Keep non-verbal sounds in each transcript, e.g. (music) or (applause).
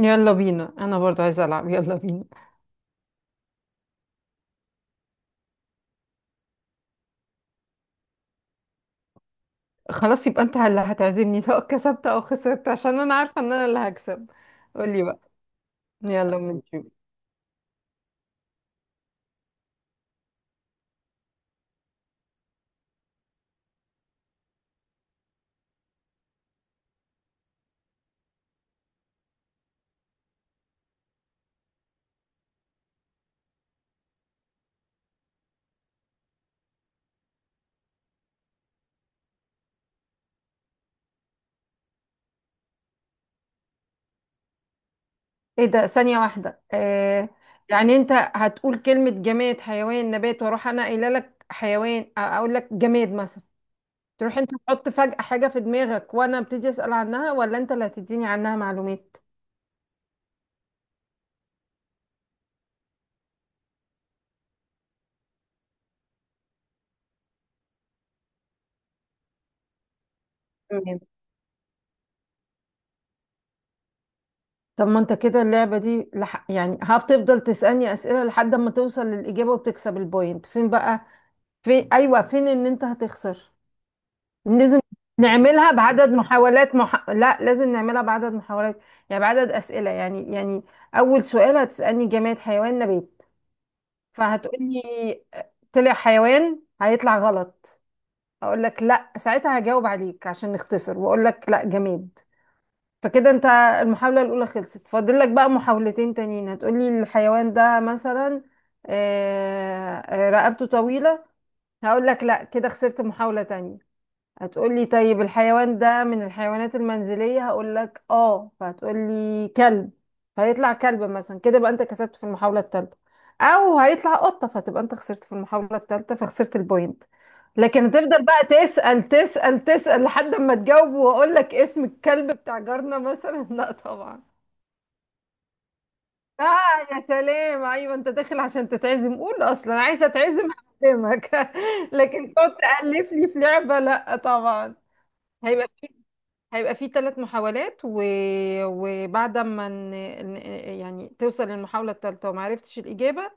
يلا بينا، انا برضو عايزه العب، يلا بينا. خلاص، يبقى انت اللي هتعزمني سواء كسبت او خسرت، عشان انا عارفه ان انا اللي هكسب. قولي بقى. يلا أما نشوف. ايه ده؟ ثانيه واحده يعني انت هتقول كلمه جماد حيوان نبات، واروح انا قايله لك حيوان، اقول لك جماد مثلا، تروح انت تحط فجأة حاجه في دماغك وانا ابتدي اسأل عنها، ولا انت اللي هتديني عنها معلومات؟ تمام. طب ما انت كده اللعبة دي يعني هتفضل تسألني أسئلة لحد ما توصل للإجابة وتكسب البوينت، فين بقى في، ايوه فين ان انت هتخسر؟ لازم نعملها بعدد محاولات لا، لازم نعملها بعدد محاولات، يعني بعدد اسئله، يعني يعني اول سؤال هتسالني جماد حيوان نبات، فهتقولي طلع حيوان، هيطلع غلط. اقول لك لا، ساعتها هجاوب عليك عشان نختصر، واقول لك لا جماد. فكده انت المحاوله الاولى خلصت، فاضل لك بقى محاولتين تانيين. هتقولي الحيوان ده مثلا رقبته طويله، هقول لك لا، كده خسرت محاوله تانية. هتقولي طيب الحيوان ده من الحيوانات المنزلية، هقول لك اه، فهتقولي كلب، فهيطلع كلب مثلا، كده بقى انت كسبت في المحاولة الثالثة، او هيطلع قطة فتبقى انت خسرت في المحاولة الثالثة فخسرت البوينت. لكن هتفضل بقى تسأل تسأل تسأل لحد ما تجاوب، واقول لك اسم الكلب بتاع جارنا مثلا (laughs) لا طبعا. اه. يا سلام، ايوه انت داخل عشان تتعزم، قول اصلا عايزه اتعزم. هعزمك (laughs) لكن تقعد تألف لي في لعبة، لا طبعا. هيبقى هيبقى فيه 3 محاولات و... وبعد ما ن... ن- يعني توصل للمحاولة الثالثة وما عرفتش الإجابة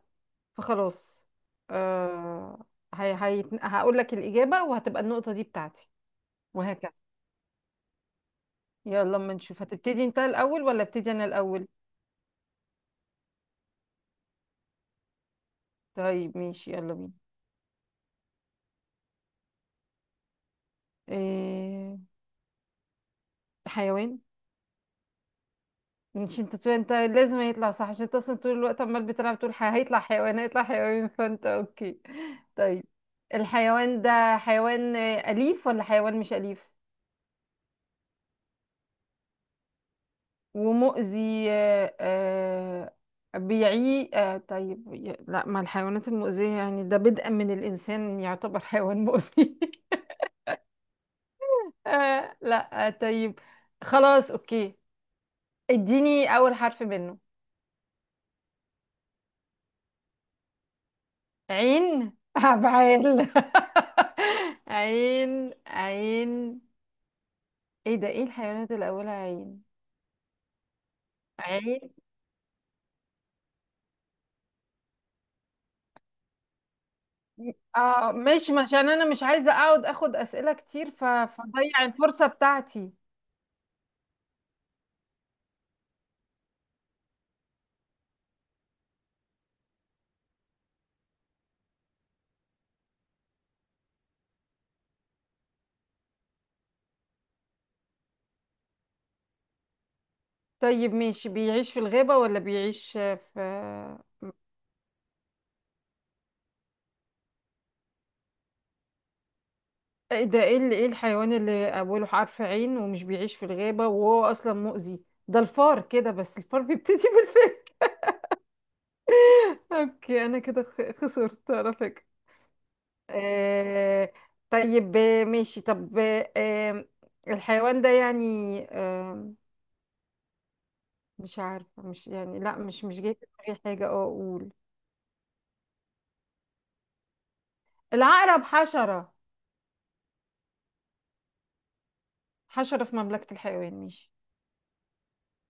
فخلاص آه... هقول لك الإجابة، وهتبقى النقطة دي بتاعتي، وهكذا. يلا اما نشوف، هتبتدي انت الأول ولا ابتدي أنا الأول؟ طيب ماشي، يلا بينا. إيه... حيوان. مش انت، لازم هيطلع صح عشان انت اصلا طول الوقت عمال بتلعب تقول هيطلع حيوان، هيطلع حيوان، فانت اوكي. طيب الحيوان ده حيوان أليف ولا حيوان مش أليف ومؤذي؟ آه، آه، بيعي آه، طيب لا، ما الحيوانات المؤذية يعني ده بدءا من الإنسان يعتبر حيوان مؤذي (laughs) آه، لا آه، طيب خلاص اوكي، اديني أول حرف منه. عين، عبعال (laughs) عين، ايه ده؟ ايه الحيوانات اللي اولها عين؟ عين، اه، مش عشان انا مش عايزه اقعد اخد اسئله كتير فضيع الفرصه بتاعتي. طيب ماشي، بيعيش في الغابه ولا بيعيش في، ايه ده؟ ايه اللي، ايه الحيوان اللي اوله حرف عين ومش بيعيش في الغابه وهو اصلا مؤذي؟ ده الفار، كده بس الفار بيبتدي بالف (laughs) اوكي انا كده خسرت على فكره. آه، طيب ماشي، طب الحيوان ده يعني مش عارفة، مش يعني لا، مش جاي في دماغي حاجة. اه اقول العقرب؟ حشرة. حشرة في مملكة الحيوان، ماشي.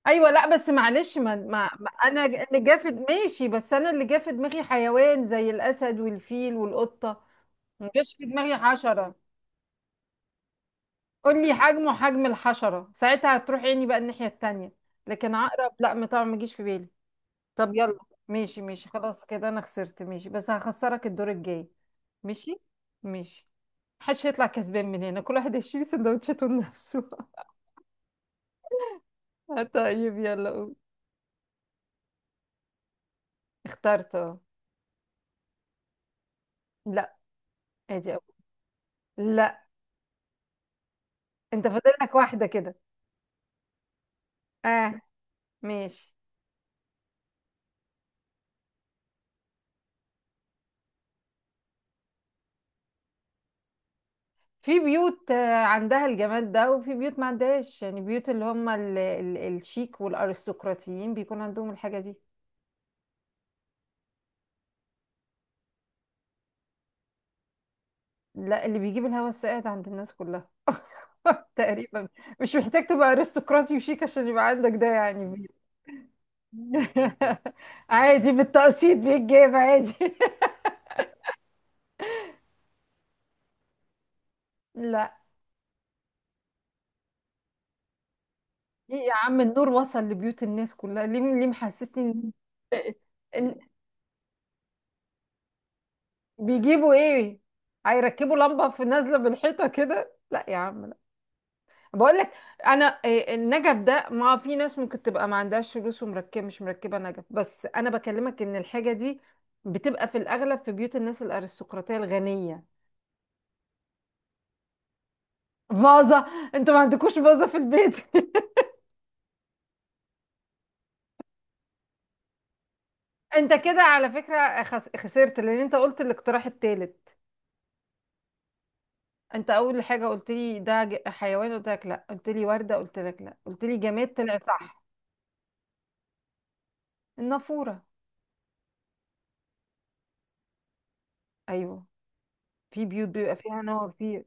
ايوه لا بس معلش، ما انا اللي جا في ماشي، بس انا اللي جا في دماغي حيوان زي الاسد والفيل والقطة، ما جاش في دماغي حشرة. قول لي حجمه حجم الحشرة ساعتها هتروح عيني بقى الناحية التانية. لكن عقرب لا ما طبعا ما جيش في بالي. طب يلا، ماشي ماشي خلاص كده انا خسرت، ماشي بس هخسرك الدور الجاي. ماشي ماشي. محدش هيطلع كسبان من هنا، كل واحد هيشيل سندوتشاته لنفسه (laughs) طيب يلا قول. اخترت اه لا. ادي اول. لا انت فاضل لك واحدة كده. اه. ماشي. في بيوت عندها الجمال ده وفي بيوت ما عندهاش، يعني بيوت اللي هم ال الشيك والارستقراطيين بيكون عندهم الحاجة دي. لا، اللي بيجيب الهوا الساقع ده عند الناس كلها (laughs) تقريبا. مش محتاج تبقى ارستقراطي وشيك عشان يبقى عندك ده يعني. (laughs) عادي بالتقسيط بيتجاب عادي (laughs) لا. ليه يا عم؟ النور وصل لبيوت الناس كلها، ليه؟ ليه محسسني ان (laughs) إن- بيجيبوا ايه؟ هيركبوا لمبة في نازلة من الحيطة كده؟ لا يا عم لا، بقول لك انا، النجف ده ما في ناس ممكن تبقى ما عندهاش فلوس ومركبه مش مركبة نجف، بس انا بكلمك ان الحاجة دي بتبقى في الاغلب في بيوت الناس الارستقراطية الغنية. فازة. انتوا ما عندكوش فازة في البيت؟ (laughs) انت كده على فكرة خسرت، لان انت قلت الاقتراح التالت. انت اول حاجة قلت لي ده حيوان، قلت لك لا، قلت لي وردة، قلت لك لا، قلت لي جماد طلع صح. النافورة. ايوه. في بيوت بيبقى فيها نار في،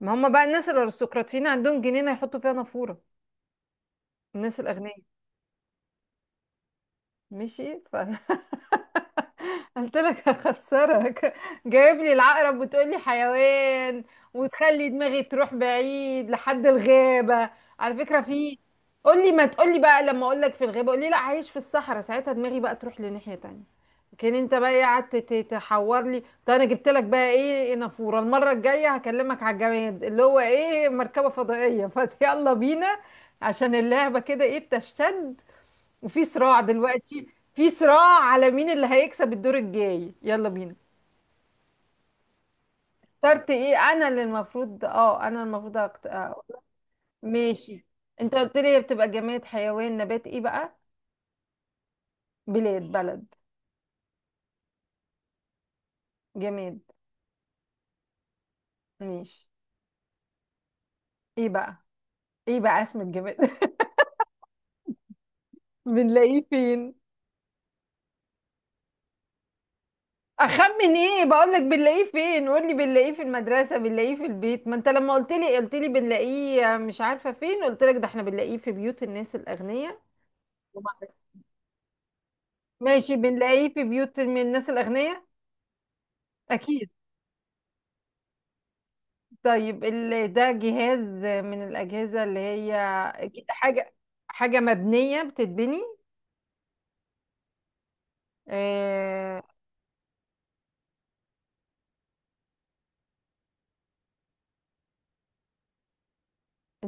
ما هم بقى الناس الارستقراطيين عندهم جنينة يحطوا فيها نافورة، الناس الاغنياء. ماشي ف (laughs) قلت لك هخسرك، جايب لي العقرب وتقول لي حيوان، وتخلي دماغي تروح بعيد لحد الغابة. على فكرة في، قول لي ما تقول لي بقى، لما اقول لك في الغابة قول لي لا، عايش في الصحراء ساعتها دماغي بقى تروح لناحية تانية. لكن انت بقى قعدت تحور لي. طب انا جبت لك بقى ايه؟ نافورة. المرة الجاية هكلمك على الجماد اللي هو ايه، مركبة فضائية (laughs) فيلا بينا عشان اللعبة كده ايه بتشتد، وفي صراع دلوقتي، في صراع على مين اللي هيكسب الدور الجاي، يلا بينا. اخترت ايه؟ انا اللي المفروض، اه انا المفروض أقت... آه. ماشي. انت قلت لي هي بتبقى جماد حيوان نبات، ايه بقى؟ بلاد، بلد. جماد. ماشي. ايه بقى؟ ايه بقى اسم الجماد؟ (laughs) بنلاقيه فين؟ اخمن ايه؟ بقول لك بنلاقيه فين، قول لي بنلاقيه في المدرسه، بنلاقيه في البيت. ما انت لما قلت لي، قلت لي بنلاقيه مش عارفه فين، قلت لك ده احنا بنلاقيه في بيوت الناس الاغنياء. ماشي، بنلاقيه في بيوت من الناس الأغنياء. أكيد. طيب ده جهاز؟ من الأجهزة اللي هي، أكيد حاجة. حاجة مبنية، بتتبني. آه...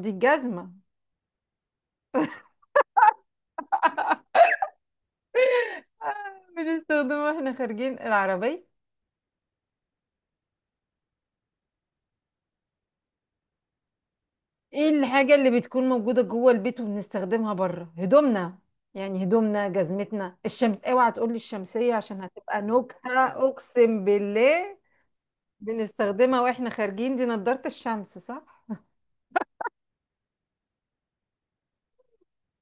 دي الجزمة. بنستخدمها واحنا خارجين، العربية. ايه الحاجة اللي بتكون موجودة جوه البيت وبنستخدمها بره؟ هدومنا، يعني هدومنا، جزمتنا، الشمس، اوعى تقولي الشمسية عشان هتبقى نكتة أقسم بالله. بنستخدمها واحنا خارجين، دي نضارة الشمس، صح؟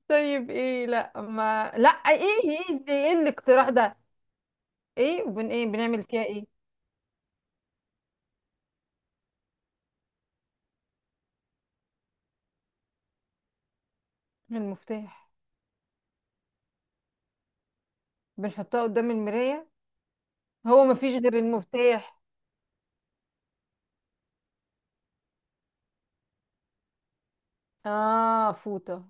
طيب ايه؟ لا ما لا، ايه؟ ايه ده؟ ايه الاقتراح ده؟ ايه وبن، ايه بنعمل فيها ايه؟ المفتاح. بنحطها قدام المراية. هو ما فيش غير المفتاح؟ اه فوطة.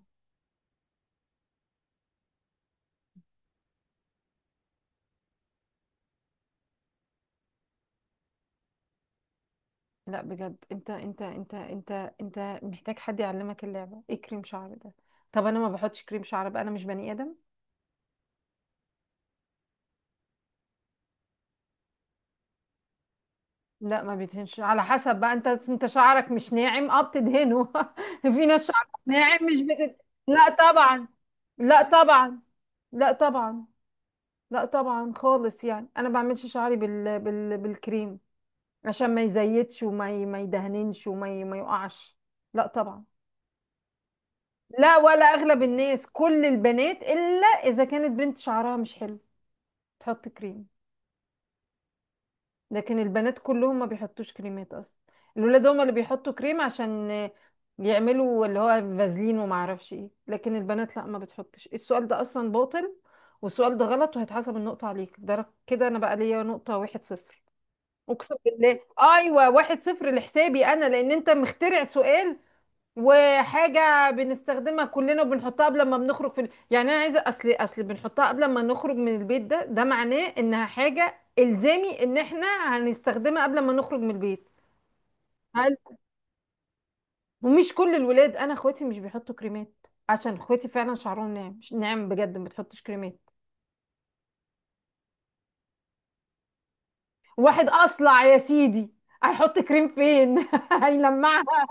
لا بجد، انت انت محتاج حد يعلمك اللعبة، ايه كريم شعر ده؟ طب انا ما بحطش كريم شعر بقى، انا مش بني ادم. لا، ما بيدهنش على حسب بقى، انت شعرك مش ناعم اه بتدهنه (laughs) في ناس شعرها ناعم مش لا طبعا. لا طبعا. لا طبعا. لا طبعا خالص، يعني انا بعملش شعري بالكريم، عشان ما يزيدش ما يدهننش ما يقعش. لا طبعا. لا، ولا اغلب الناس، كل البنات الا اذا كانت بنت شعرها مش حلو تحط كريم. لكن البنات كلهم ما بيحطوش كريمات اصلا. الولاد هم اللي بيحطوا كريم عشان يعملوا اللي هو فازلين وما اعرفش ايه، لكن البنات لا ما بتحطش. السؤال ده اصلا باطل، والسؤال ده غلط وهيتحسب النقطة عليك، ده كده انا بقى ليا نقطة 1-0. اقسم بالله ايوه 1-0 لحسابي انا، لان انت مخترع سؤال، وحاجه بنستخدمها كلنا وبنحطها قبل ما بنخرج في يعني انا عايزه، اصل بنحطها قبل ما نخرج من البيت، ده معناه انها حاجه الزامي ان احنا هنستخدمها قبل ما نخرج من البيت. هل، ومش كل الولاد، انا اخواتي مش بيحطوا كريمات، عشان اخواتي فعلا شعرهم ناعم، مش ناعم بجد ما بتحطش كريمات. واحد اصلع يا سيدي هيحط كريم فين؟ (laughs) هيلمعها.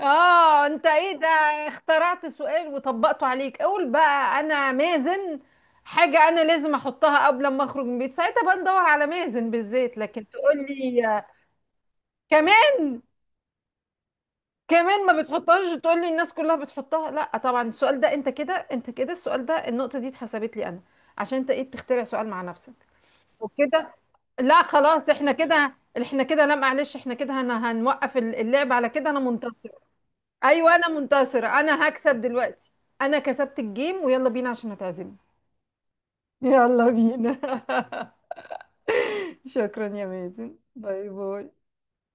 اه انت ايه ده؟ اخترعت سؤال وطبقته عليك؟ قول بقى انا مازن، حاجة انا لازم احطها قبل ما اخرج من البيت ساعتها بقى ندور على مازن بالذات، لكن تقول لي كمان. كمان ما بتحطهاش وتقول لي الناس كلها بتحطها، لا طبعا. السؤال ده، انت كده السؤال ده، النقطة دي اتحسبت لي انا عشان انت ايه بتخترع سؤال مع نفسك وكده. لا خلاص، احنا كده لا معلش، احنا كده هنوقف اللعب على كده، انا منتصر. ايوه انا منتصره، انا هكسب دلوقتي، انا كسبت الجيم، ويلا بينا عشان هتعزمني. يلا بينا (laughs) شكرا يا مازن، باي باي.